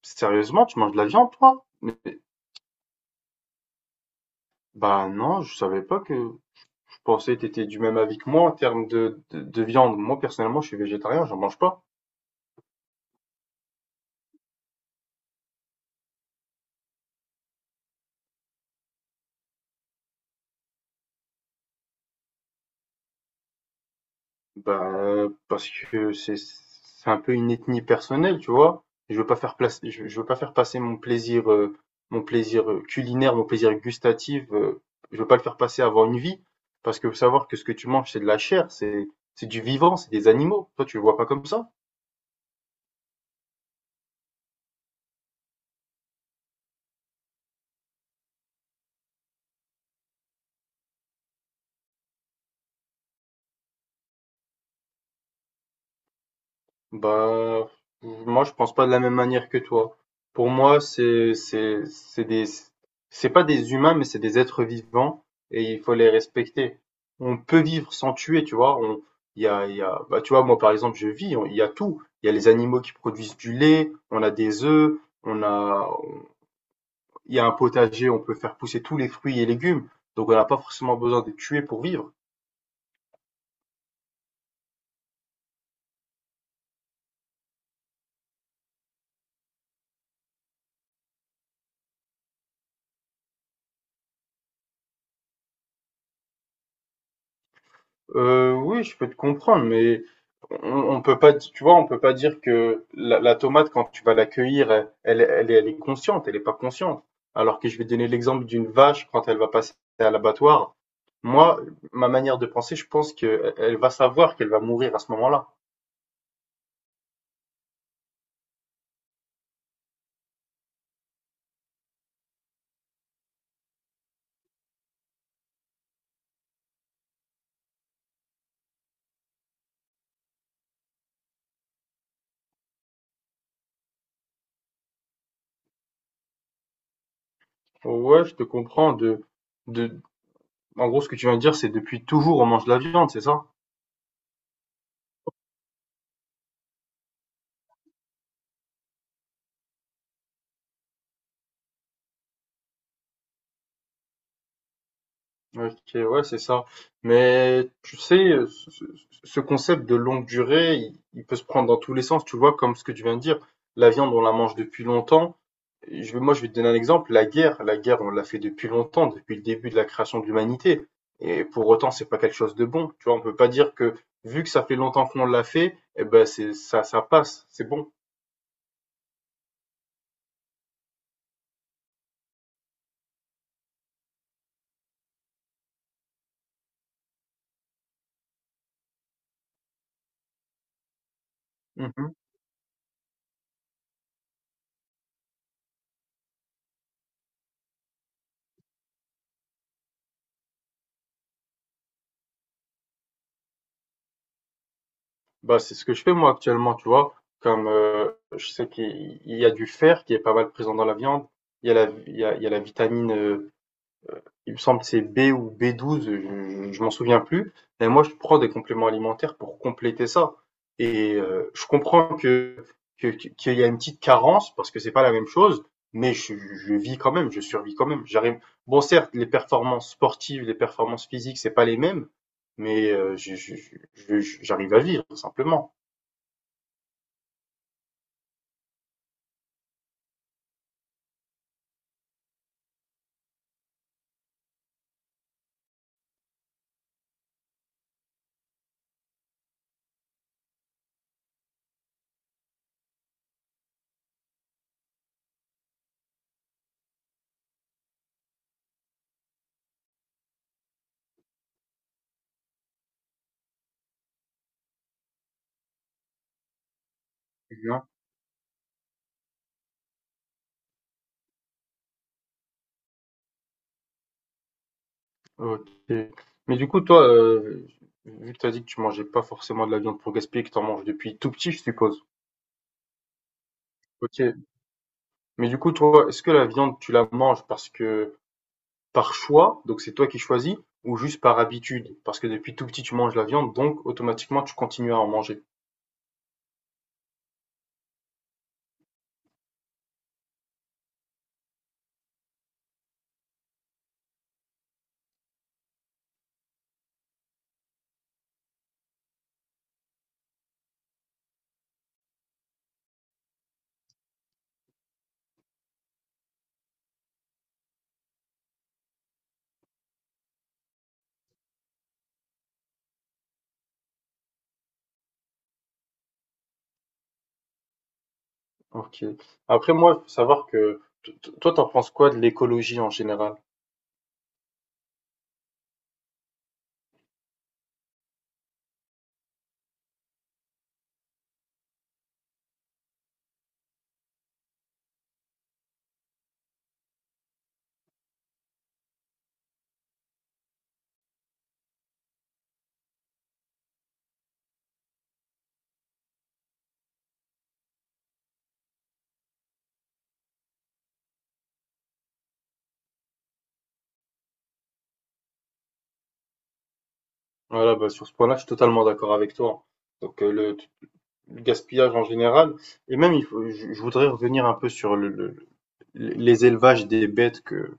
Sérieusement, tu manges de la viande, toi? Mais, bah non, je savais pas que. Je pensais que t'étais du même avis que moi en termes de viande. Moi, personnellement, je suis végétarien, j'en mange pas. Bah, parce que c'est un peu une ethnie personnelle, tu vois. Je veux pas faire place, je veux pas faire passer mon plaisir culinaire, mon plaisir gustatif. Je veux pas le faire passer avant une vie, parce que faut savoir que ce que tu manges, c'est de la chair, c'est du vivant, c'est des animaux. Toi, tu le vois pas comme ça? Bah, moi, je pense pas de la même manière que toi. Pour moi, c'est pas des humains, mais c'est des êtres vivants et il faut les respecter. On peut vivre sans tuer, tu vois. Bah, tu vois, moi, par exemple, je vis, il y a tout. Il y a les animaux qui produisent du lait, on a des œufs, on a, on- il y a un potager, on peut faire pousser tous les fruits et légumes. Donc, on n'a pas forcément besoin de tuer pour vivre. Oui, je peux te comprendre, mais on on peut pas di tu vois, on peut pas dire que la tomate quand tu vas la cueillir, elle est consciente, elle est pas consciente. Alors que je vais donner l'exemple d'une vache quand elle va passer à l'abattoir. Moi, ma manière de penser, je pense qu'elle va savoir qu'elle va mourir à ce moment-là. Ouais, je te comprends de en gros, ce que tu viens de dire, c'est depuis toujours on mange de la viande, c'est ça? OK, ouais, c'est ça. Mais tu sais, ce concept de longue durée, il peut se prendre dans tous les sens, tu vois, comme ce que tu viens de dire. La viande, on la mange depuis longtemps. Moi, je vais te donner un exemple. La guerre, on l'a fait depuis longtemps, depuis le début de la création de l'humanité. Et pour autant, c'est pas quelque chose de bon. Tu vois, on peut pas dire que, vu que ça fait longtemps qu'on l'a fait, eh ben, ça passe, c'est bon. Bah, c'est ce que je fais moi actuellement, tu vois. Comme je sais qu'il y a du fer qui est pas mal présent dans la viande, il y a la, il y a la vitamine, il me semble que c'est B ou B12, je m'en souviens plus. Et moi, je prends des compléments alimentaires pour compléter ça. Et je comprends qu'il y a une petite carence parce que c'est pas la même chose, mais je vis quand même, je survis quand même. J'arrive. Bon, certes, les performances sportives, les performances physiques, c'est pas les mêmes, mais j'arrive à vivre simplement. Bien. Ok. Mais du coup, toi, vu que tu as dit que tu mangeais pas forcément de la viande pour gaspiller, que tu en manges depuis tout petit, je suppose. Ok. Mais du coup, toi, est-ce que la viande, tu la manges parce que par choix, donc c'est toi qui choisis, ou juste par habitude? Parce que depuis tout petit, tu manges la viande, donc automatiquement, tu continues à en manger. Ok. Après, moi, faut savoir que toi, t'en penses quoi de l'écologie en général? Voilà, bah, sur ce point-là, je suis totalement d'accord avec toi. Donc, le gaspillage en général. Et même, je voudrais revenir un peu sur les élevages des bêtes que,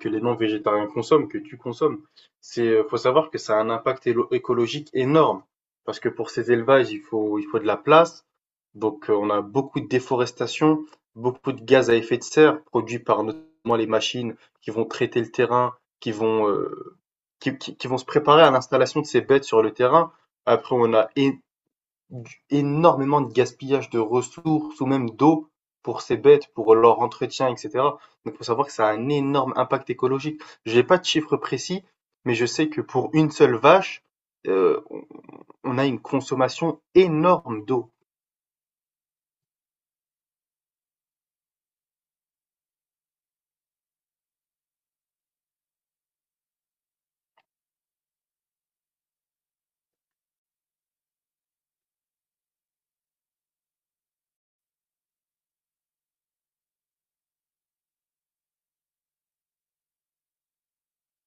que les non-végétariens consomment, que tu consommes. Faut savoir que ça a un impact écologique énorme. Parce que pour ces élevages, il faut de la place. Donc, on a beaucoup de déforestation, beaucoup de gaz à effet de serre produits par notamment les machines qui vont traiter le terrain, qui vont, euh, qui vont se préparer à l'installation de ces bêtes sur le terrain. Après, on a énormément de gaspillage de ressources ou même d'eau pour ces bêtes, pour leur entretien, etc. Donc, il faut savoir que ça a un énorme impact écologique. J'ai pas de chiffre précis, mais je sais que pour une seule vache, euh, on a une consommation énorme d'eau.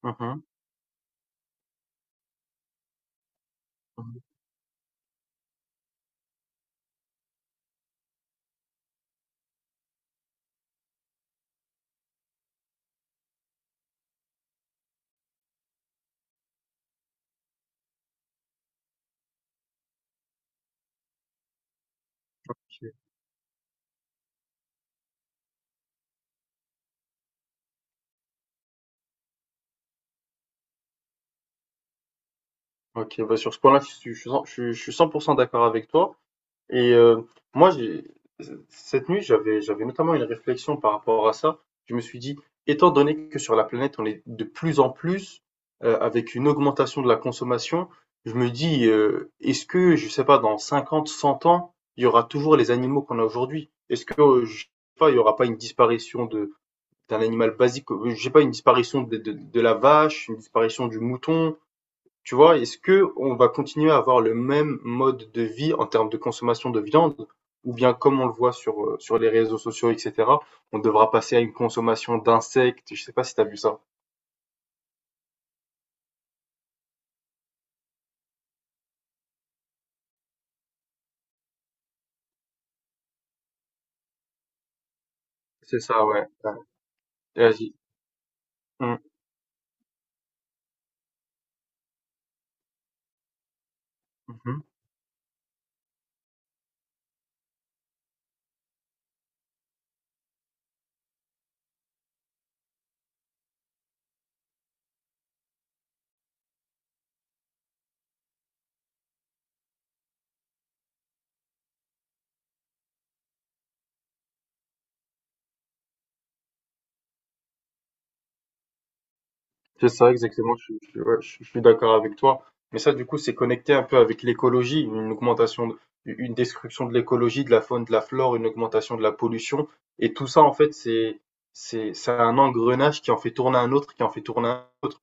Mhm. Ok. Ok, bah sur ce point-là, je suis cent- je suis 100% d'accord avec toi. Et moi, cette nuit, j'avais notamment une réflexion par rapport à ça. Je me suis dit, étant donné que sur la planète, on est de plus en plus avec une augmentation de la consommation, je me dis, est-ce que, je sais pas, dans 50, 100 ans, il y aura toujours les animaux qu'on a aujourd'hui? Est-ce que, je sais pas, il y aura pas une disparition d'un animal basique, je sais pas, une disparition de la vache, une disparition du mouton, tu vois, est-ce que on va continuer à avoir le même mode de vie en termes de consommation de viande, ou bien comme on le voit sur les réseaux sociaux, etc., on devra passer à une consommation d'insectes. Je sais pas si t'as vu ça. C'est ça, ouais. Ouais. Et vas-y. Mm, mhm. C'est ça, exactement. Ouais, je suis d'accord avec toi. Mais ça, du coup, c'est connecté un peu avec l'écologie, une augmentation, une destruction de l'écologie, de la faune, de la flore, une augmentation de la pollution. Et tout ça, en fait, c'est un engrenage qui en fait tourner un autre, qui en fait tourner un autre.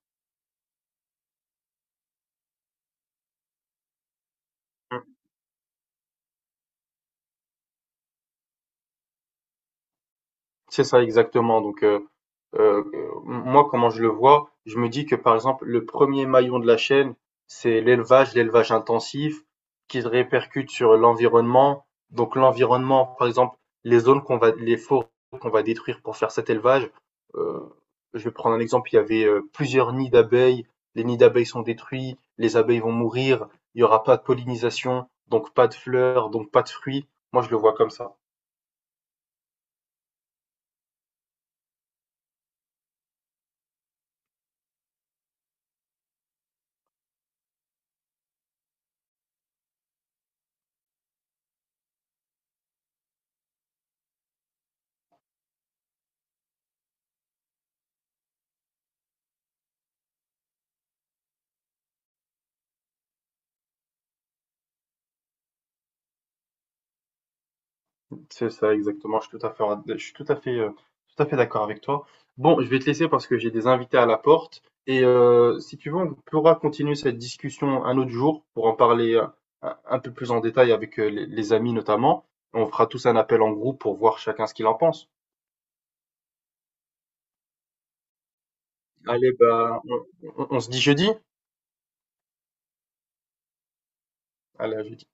Mm. C'est ça exactement. Donc, heu, moi, comment je le vois, je me dis que par exemple, le premier maillon de la chaîne, c'est l'élevage, l'élevage intensif, qui se répercute sur l'environnement. Donc l'environnement, par exemple, les forêts qu'on va détruire pour faire cet élevage, heu, je vais prendre un exemple, il y avait, plusieurs nids d'abeilles, les nids d'abeilles sont détruits, les abeilles vont mourir, il y aura pas de pollinisation, donc pas de fleurs, donc pas de fruits. Moi, je le vois comme ça. C'est ça, exactement. Je suis tout à fait, je suis tout à fait d'accord avec toi. Bon, je vais te laisser parce que j'ai des invités à la porte. Et si tu veux, on pourra continuer cette discussion un autre jour pour en parler un peu plus en détail avec les amis notamment. On fera tous un appel en groupe pour voir chacun ce qu'il en pense. Allez, bah, on se dit jeudi. Allez, à jeudi.